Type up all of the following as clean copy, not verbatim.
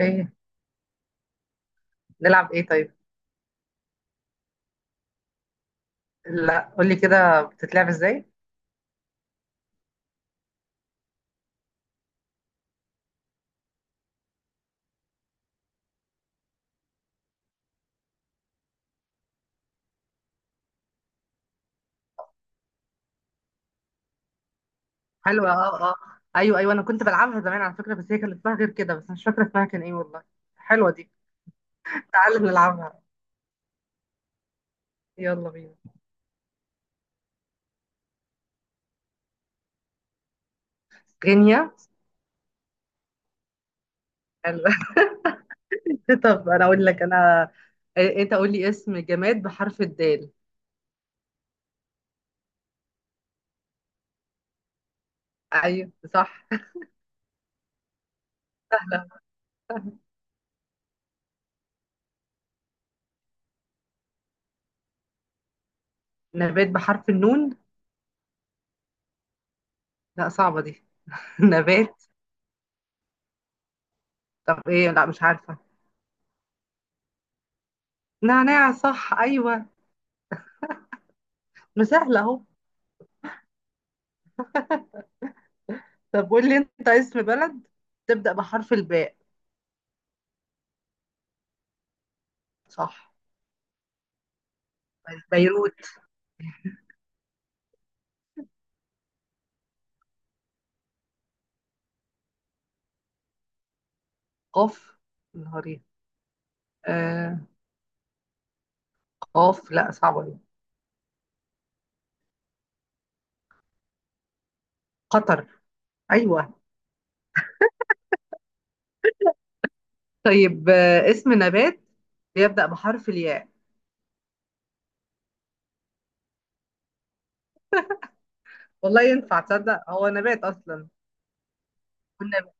ايه، نلعب ايه طيب؟ لا، قول لي كده بتتلعب ازاي؟ حلوه. اه، اه. ايوه، ايوه، انا كنت بلعبها زمان على فكره، بس هي كان اسمها غير كده، بس مش فاكره اسمها كان ايه والله. حلوه دي. تعالى نلعبها. يلا بينا. غينيا. حلوه. طب انا اقول لك انا. انت قول لي اسم جماد بحرف الدال. ايوه، صح. نبات بحرف النون. لا، صعبه دي. نبات. طب ايه، لا مش عارفه. نعناع، صح، ايوه. مسهله اهو. طب قول لي انت اسم بلد تبدا بحرف الباء. صح. بيروت. قاف، نهارين. آه. قاف، لا صعبة دي. قطر. أيوة. طيب اسم نبات بيبدأ بحرف الياء. والله ينفع، تصدق هو نبات أصلا؟ والنبات.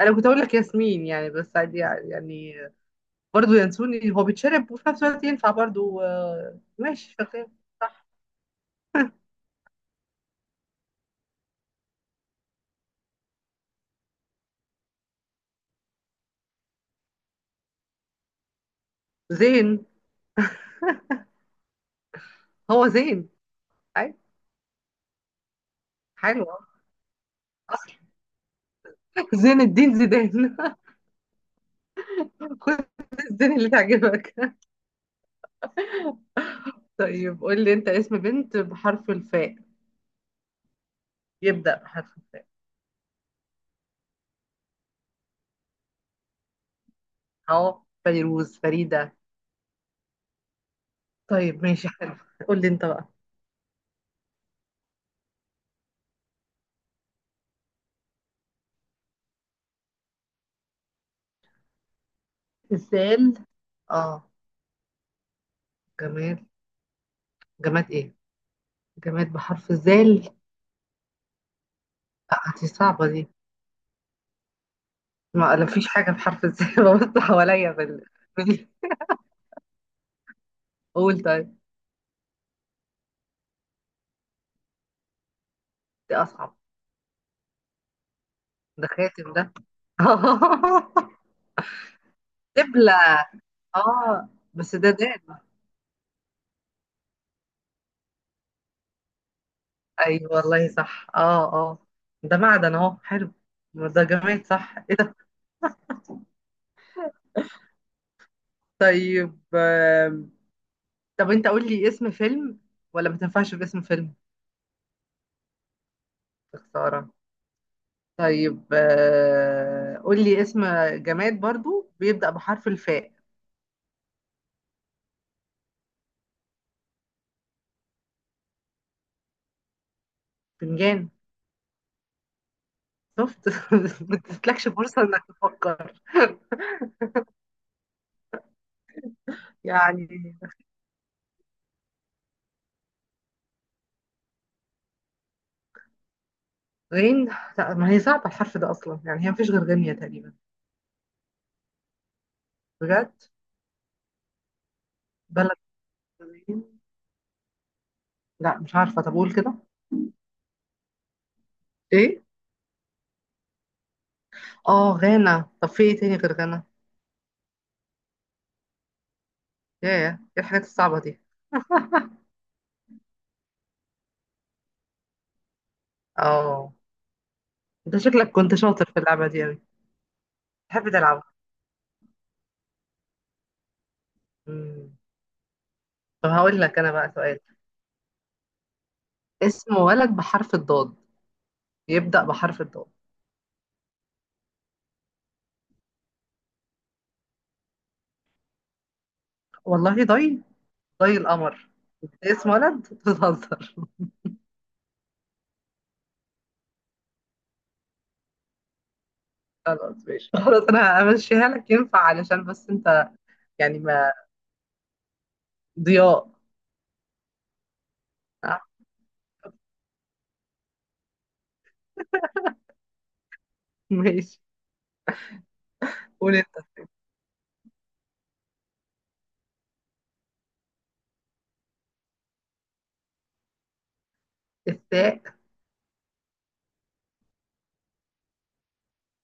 أنا كنت أقول لك ياسمين يعني، بس عادي يعني يعني. برضو ينسوني، هو بيتشرب وفي نفس الوقت ينفع برضو، آه ماشي شغال. صح. زين. هو زين. أي. حلو. زين الدين زيدان. خد. الزين اللي تعجبك. طيب قول لي أنت اسم بنت بحرف الفاء. يبدأ بحرف. اهو فيروز، فريدة. طيب ماشي، حلو. قول لي انت بقى. الزال، اه. جماد. جماد ايه؟ جماد بحرف الزال. آه، دي صعبة دي. ما لا، فيش حاجة بحرف الزال. ببص حواليا بال... قول طيب. دي أصعب. ده خاتم ده. دبلة. اه بس ده دال. أيوة والله صح، اه، اه. ده معدن اهو، حلو. ما ده جماد، صح، ايه ده؟ طيب طب انت قول لي اسم فيلم. ولا ما تنفعش باسم فيلم؟ يا خسارة. طيب قول لي اسم جماد برضو بيبدأ بحرف الفاء. فنجان. شفت. ما تسلكش فرصة انك تفكر. يعني. غين. لا ما هي صعبة الحرف ده اصلا يعني هي مفيش غير غينيا تقريبا. بجد؟ بلد غين. لا مش عارفة، طب قول كده. ايه؟ اه، غانا. طب في ايه تاني غير غانا؟ ياه. ايه الحاجات الصعبة دي؟ اه. انت شكلك كنت شاطر في اللعبة دي اوي. تحب تلعب؟ مم. طب هقول لك انا بقى سؤال. اسم ولد بحرف الضاد. يبدأ بحرف الضاد. والله ضي؟ ضي القمر. ده اسم ولد؟ بتهزر. خلاص ماشي خلاص، انا همشيها لك، ينفع علشان بس انت. يعني ما. ضياء. آه، ماشي. قول انت. الثاء.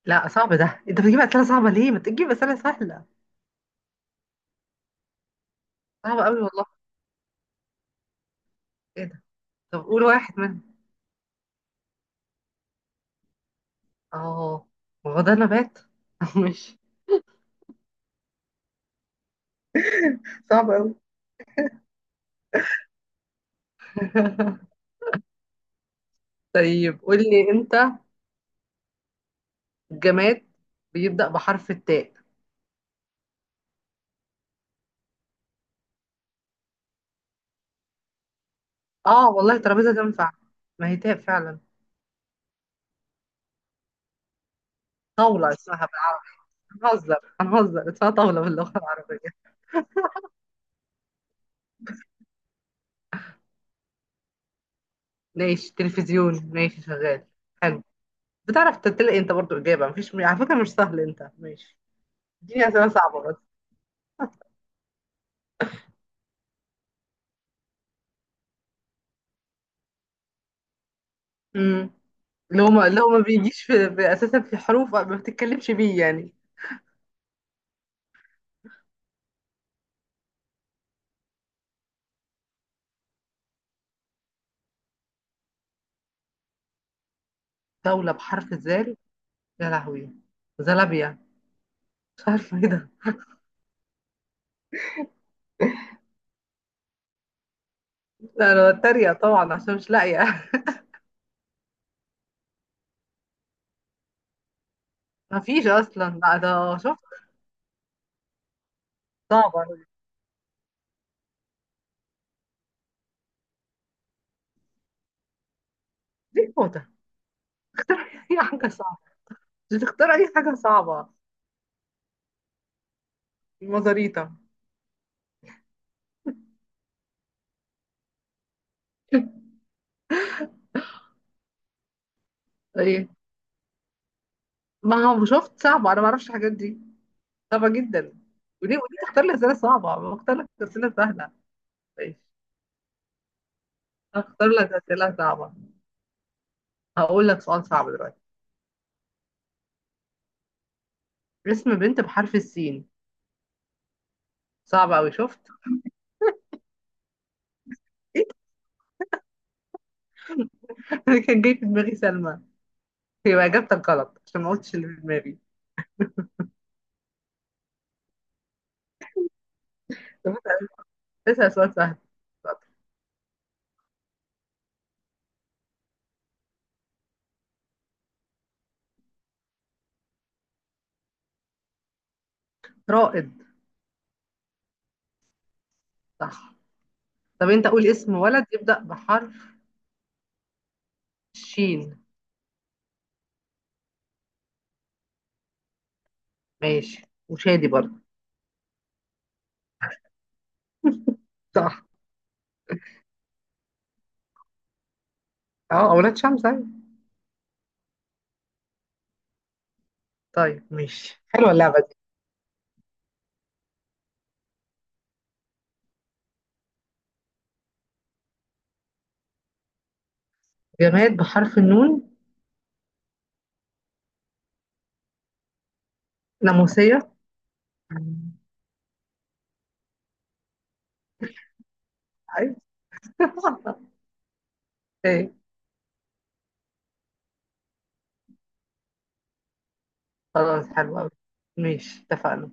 لا صعب ده، انت بتجيب اسئله صعبه ليه؟ ما تجيب اسئله سهله. صعبه قوي والله. ايه ده؟ طب قول واحد منهم. اه. ما هو ده نبات؟ ماشي. صعب قوي. طيب قول لي انت. جماد. بيبدأ بحرف التاء. اه والله ترابيزة تنفع. ما هي تاء فعلا. طاولة اسمها بقى. هنهزر. هنهزر اسمها طاولة باللغة العربية. ماشي تلفزيون، ماشي شغال. حلو. بتعرف تلاقي انت برضو إجابة، مفيش على فكرة، مش سهل انت ماشي. اديني أسئلة صعبة بس. امم اللي هو ما بيجيش في أساسا في حروف ما بتتكلمش بيه يعني. دولة بحرف الزال. يا لهوي. زلابيا. مش عارفة ايه ده. لا انا بتريق طبعا عشان مش لاقية. مفيش اصلا، لا ده شفت. صعبة. دي النقطة. اختار. أي حاجة صعبة. مش تختار أي حاجة صعبة. المزاريطة. ايه. ما هو شفت، صعبة، أنا ما أعرفش الحاجات دي. صعبة جدا. وليه تختار لي أسئلة صعبة، ما أختار لك أسئلة سهلة. ماشي. أختار لك أسئلة صعبة. هقول لك سؤال صعب دلوقتي. اسم بنت بحرف السين. صعب أوي شفت. إيه. اللي كان جاي في دماغي سلمى. يبقى إجابتك غلط عشان ما قلتش اللي في دماغي. طب أنت اسأل سؤال سهل. رائد. صح. طب أنت قول اسم ولد يبدأ بحرف. شين. ماشي، وشادي برضه. صح. اه، اولاد شمس، ايوه. طيب ماشي، حلوه اللعبه دي. جماد بحرف النون. ناموسيه. ايوه. ايه. خلاص، حلوه قوي. ماشي، اتفقنا.